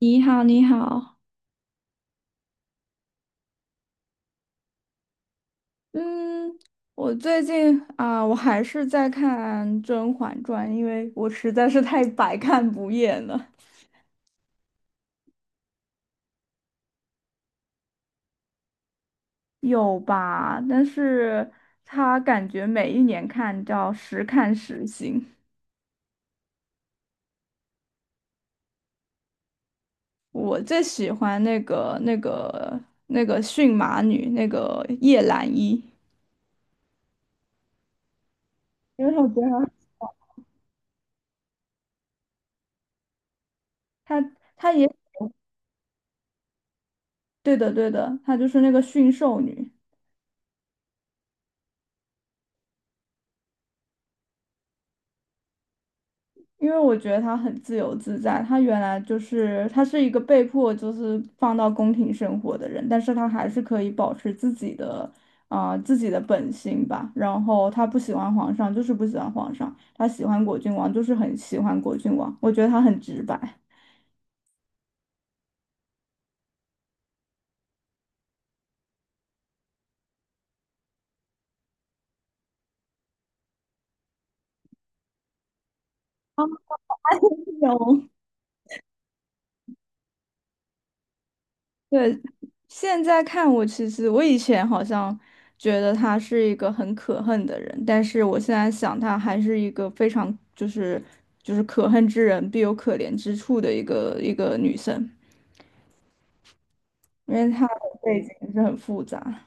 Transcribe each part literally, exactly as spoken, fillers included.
你好，你好。嗯，我最近啊，我还是在看《甄嬛传》，因为我实在是太百看不厌了。有吧？但是它感觉每一年看叫时看时新。我最喜欢那个、那个、那个驯马女，那个叶澜依。因为我觉得她她她也对的对的，她就是那个驯兽女。因为我觉得他很自由自在，他原来就是他是一个被迫就是放到宫廷生活的人，但是他还是可以保持自己的啊、呃自己的本心吧。然后他不喜欢皇上，就是不喜欢皇上；他喜欢果郡王，就是很喜欢果郡王。我觉得他很直白。有对，现在看我，其实我以前好像觉得她是一个很可恨的人，但是我现在想，她还是一个非常就是就是可恨之人必有可怜之处的一个一个女生，因为她的背景是很复杂。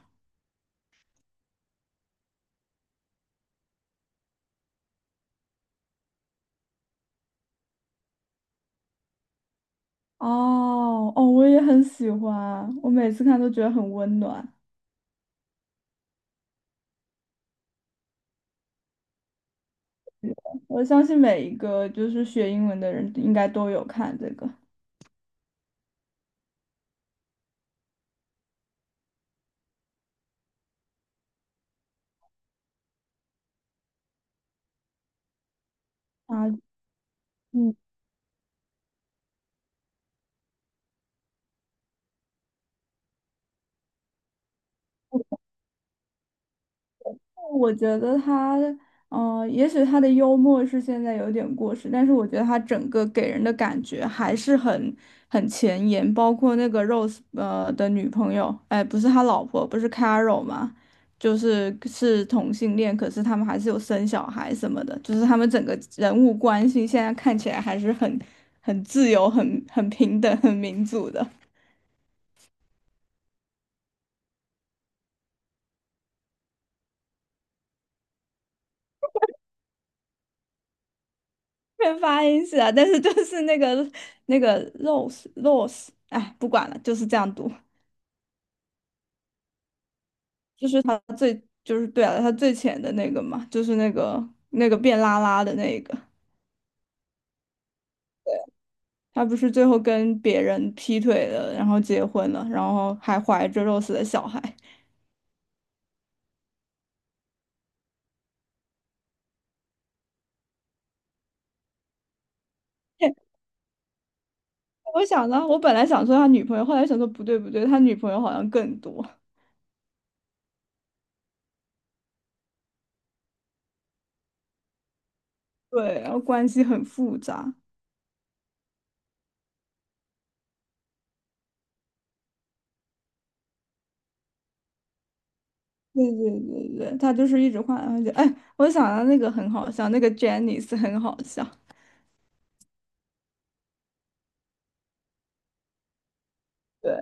哦哦，我也很喜欢，我每次看都觉得很温暖。我相信每一个就是学英文的人应该都有看这个。啊，嗯，我觉得他，嗯，也许他的幽默是现在有点过时，但是我觉得他整个给人的感觉还是很很前沿，包括那个 Rose 呃的女朋友。哎，不是他老婆，不是 Carol 嘛，就是是同性恋，可是他们还是有生小孩什么的，就是他们整个人物关系现在看起来还是很很自由、很很平等、很民主的。没发音是啊，但是就是那个那个 Rose Rose，哎，不管了，就是这样读。就是他最就是对啊，他最浅的那个嘛，就是那个那个变拉拉的那个，他不是最后跟别人劈腿了，然后结婚了，然后还怀着 Rose 的小孩。我想呢，我本来想说他女朋友，后来想说不对不对，他女朋友好像更多。对，然后关系很复杂。对对对对，他就是一直换来换去。哎，我想到那个很好笑，那个 Janice 很好笑。对，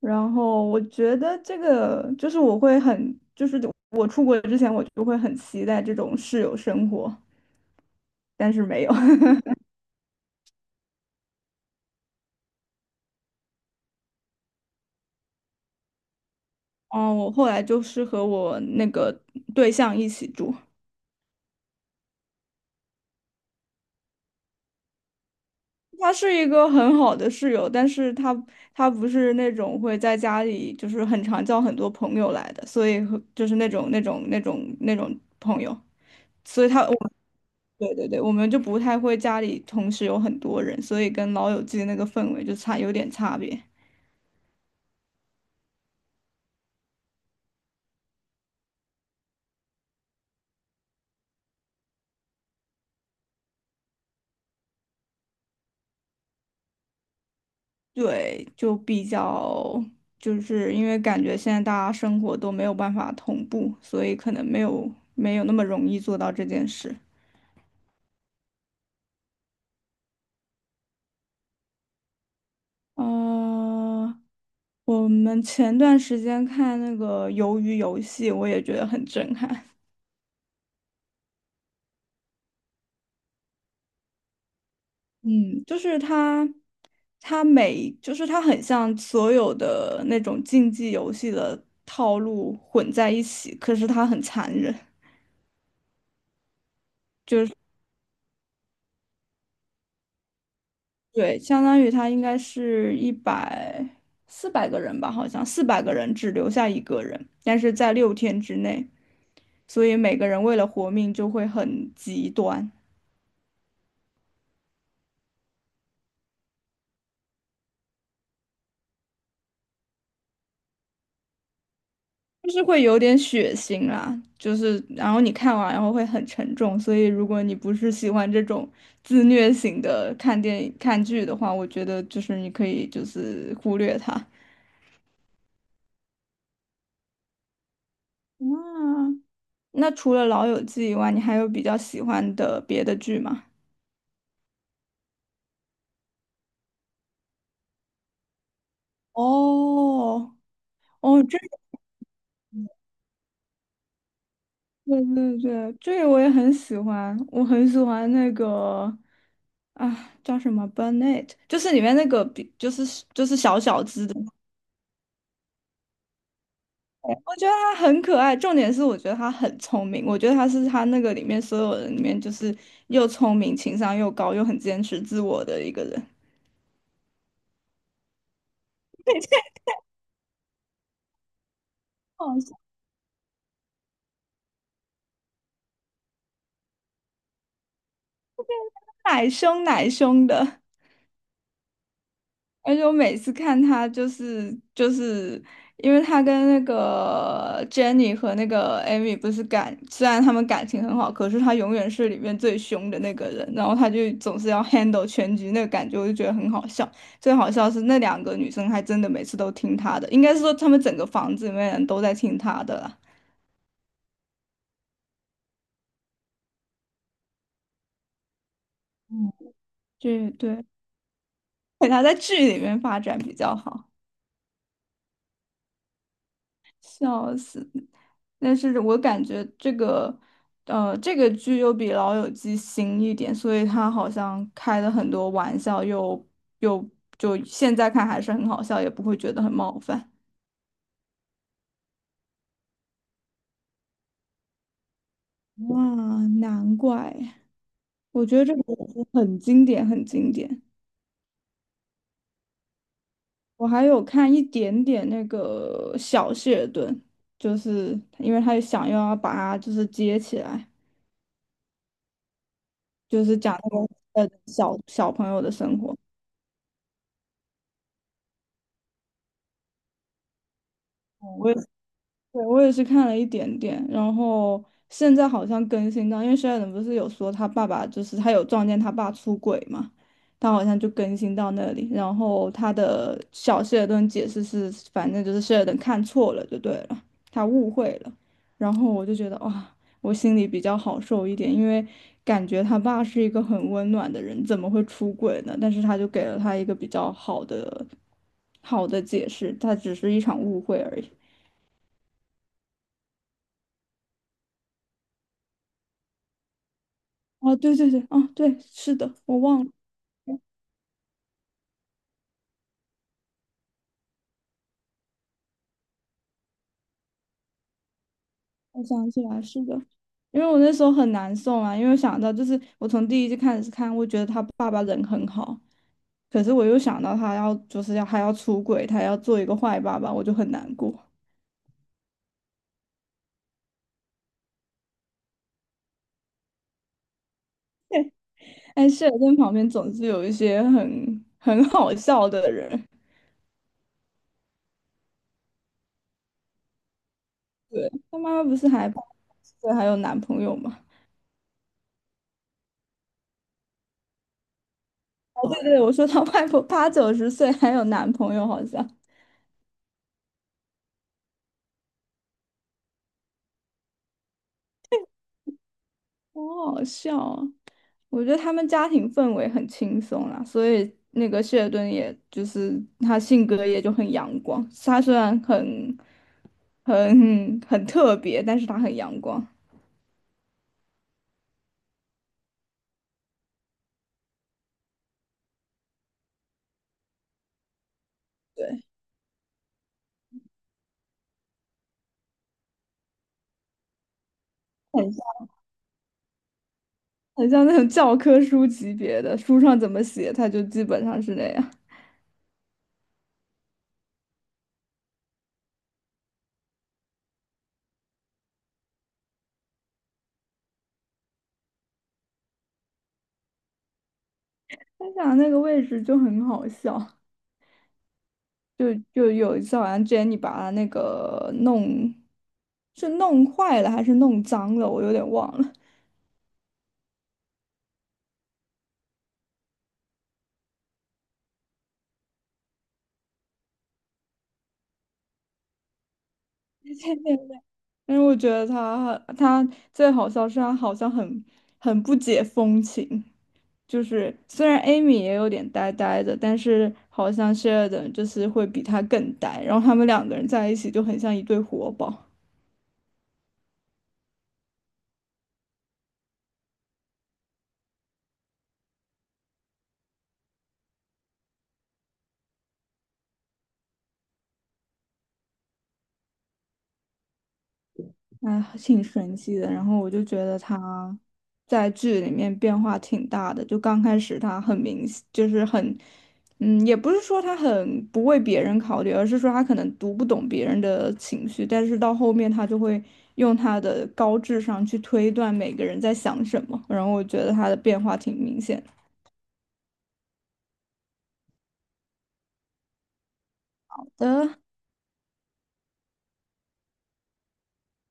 然后我觉得这个就是我会很，就是我出国之前我就会很期待这种室友生活，但是没有。嗯，我后来就是和我那个对象一起住。他是一个很好的室友，但是他他不是那种会在家里就是很常叫很多朋友来的，所以和就是那种那种那种那种朋友，所以他我对对对，我们就不太会家里同时有很多人，所以跟老友记的那个氛围就差有点差别。对，就比较就是因为感觉现在大家生活都没有办法同步，所以可能没有没有那么容易做到这件事。呃，我们前段时间看那个《鱿鱼游戏》，我也觉得很震撼。嗯，就是它，它每就是它很像所有的那种竞技游戏的套路混在一起，可是它很残忍。对，相当于它应该是一百四百个人吧，好像四百个人只留下一个人，但是在六天之内，所以每个人为了活命就会很极端。就是会有点血腥啦，就是然后你看完然后会很沉重，所以如果你不是喜欢这种自虐型的看电影看剧的话，我觉得就是你可以就是忽略它。啊，那除了《老友记》以外，你还有比较喜欢的别的剧吗？哦，哦，这个对对对，这个我也很喜欢，我很喜欢那个啊，叫什么 Burnet，就是里面那个比，就是就是小小只的。我觉得他很可爱，重点是我觉得他很聪明，我觉得他是他那个里面所有人里面就是又聪明、情商又高、又很坚持自我的一个人。哦，是奶凶奶凶的，而且我每次看他就是就是因为他跟那个 Jenny 和那个 Amy 不是感，虽然他们感情很好，可是他永远是里面最凶的那个人，然后他就总是要 handle 全局，那个感觉我就觉得很好笑。最好笑是那两个女生还真的每次都听他的，应该是说他们整个房子里面人都在听他的啦。嗯，对对，给他在剧里面发展比较好。笑死！但是我感觉这个，呃，这个剧又比《老友记》新一点，所以他好像开了很多玩笑又，又就现在看还是很好笑，也不会觉得很冒犯。哇，难怪！我觉得这个很经典，很经典。我还有看一点点那个小谢尔顿，就是因为他想要把它就是接起来，就是讲那个呃小小朋友的生活。我对，我也是看了一点点，然后现在好像更新到，因为 s 尔 e 不是有说他爸爸就是他有撞见他爸出轨嘛，他好像就更新到那里，然后他的小谢尔顿解释是，反正就是 s 尔 e 看错了就对了，他误会了，然后我就觉得哇，我心里比较好受一点，因为感觉他爸是一个很温暖的人，怎么会出轨呢？但是他就给了他一个比较好的好的解释，他只是一场误会而已。哦，对对对，哦，对，是的，我忘了，我想起来，是的，因为我那时候很难受啊，因为想到就是我从第一季开始看，我觉得他爸爸人很好，可是我又想到他要就是要还要出轨，他要做一个坏爸爸，我就很难过。哎，谢尔顿旁边总是有一些很很好笑的人。对，他妈妈不是还八十岁还有男朋友吗？哦，对对，我说他外婆八九十岁还有男朋友，好像，好好笑啊。我觉得他们家庭氛围很轻松啦，所以那个谢尔顿也就是他性格也就很阳光。他虽然很很很特别，但是他很阳光，对，很像很像那种教科书级别的，书上怎么写他就基本上是那样。他俩那个位置就很好笑，就就有一次好像 Jenny 把他那个弄是弄坏了还是弄脏了，我有点忘了。因为我觉得他他最好笑是他好像很很不解风情，就是虽然 Amy 也有点呆呆的，但是好像 s h e l d 就是会比他更呆，然后他们两个人在一起就很像一对活宝。哎，挺神奇的。然后我就觉得他在剧里面变化挺大的，就刚开始他很明显，就是很，嗯，也不是说他很不为别人考虑，而是说他可能读不懂别人的情绪，但是到后面他就会用他的高智商去推断每个人在想什么。然后我觉得他的变化挺明显的。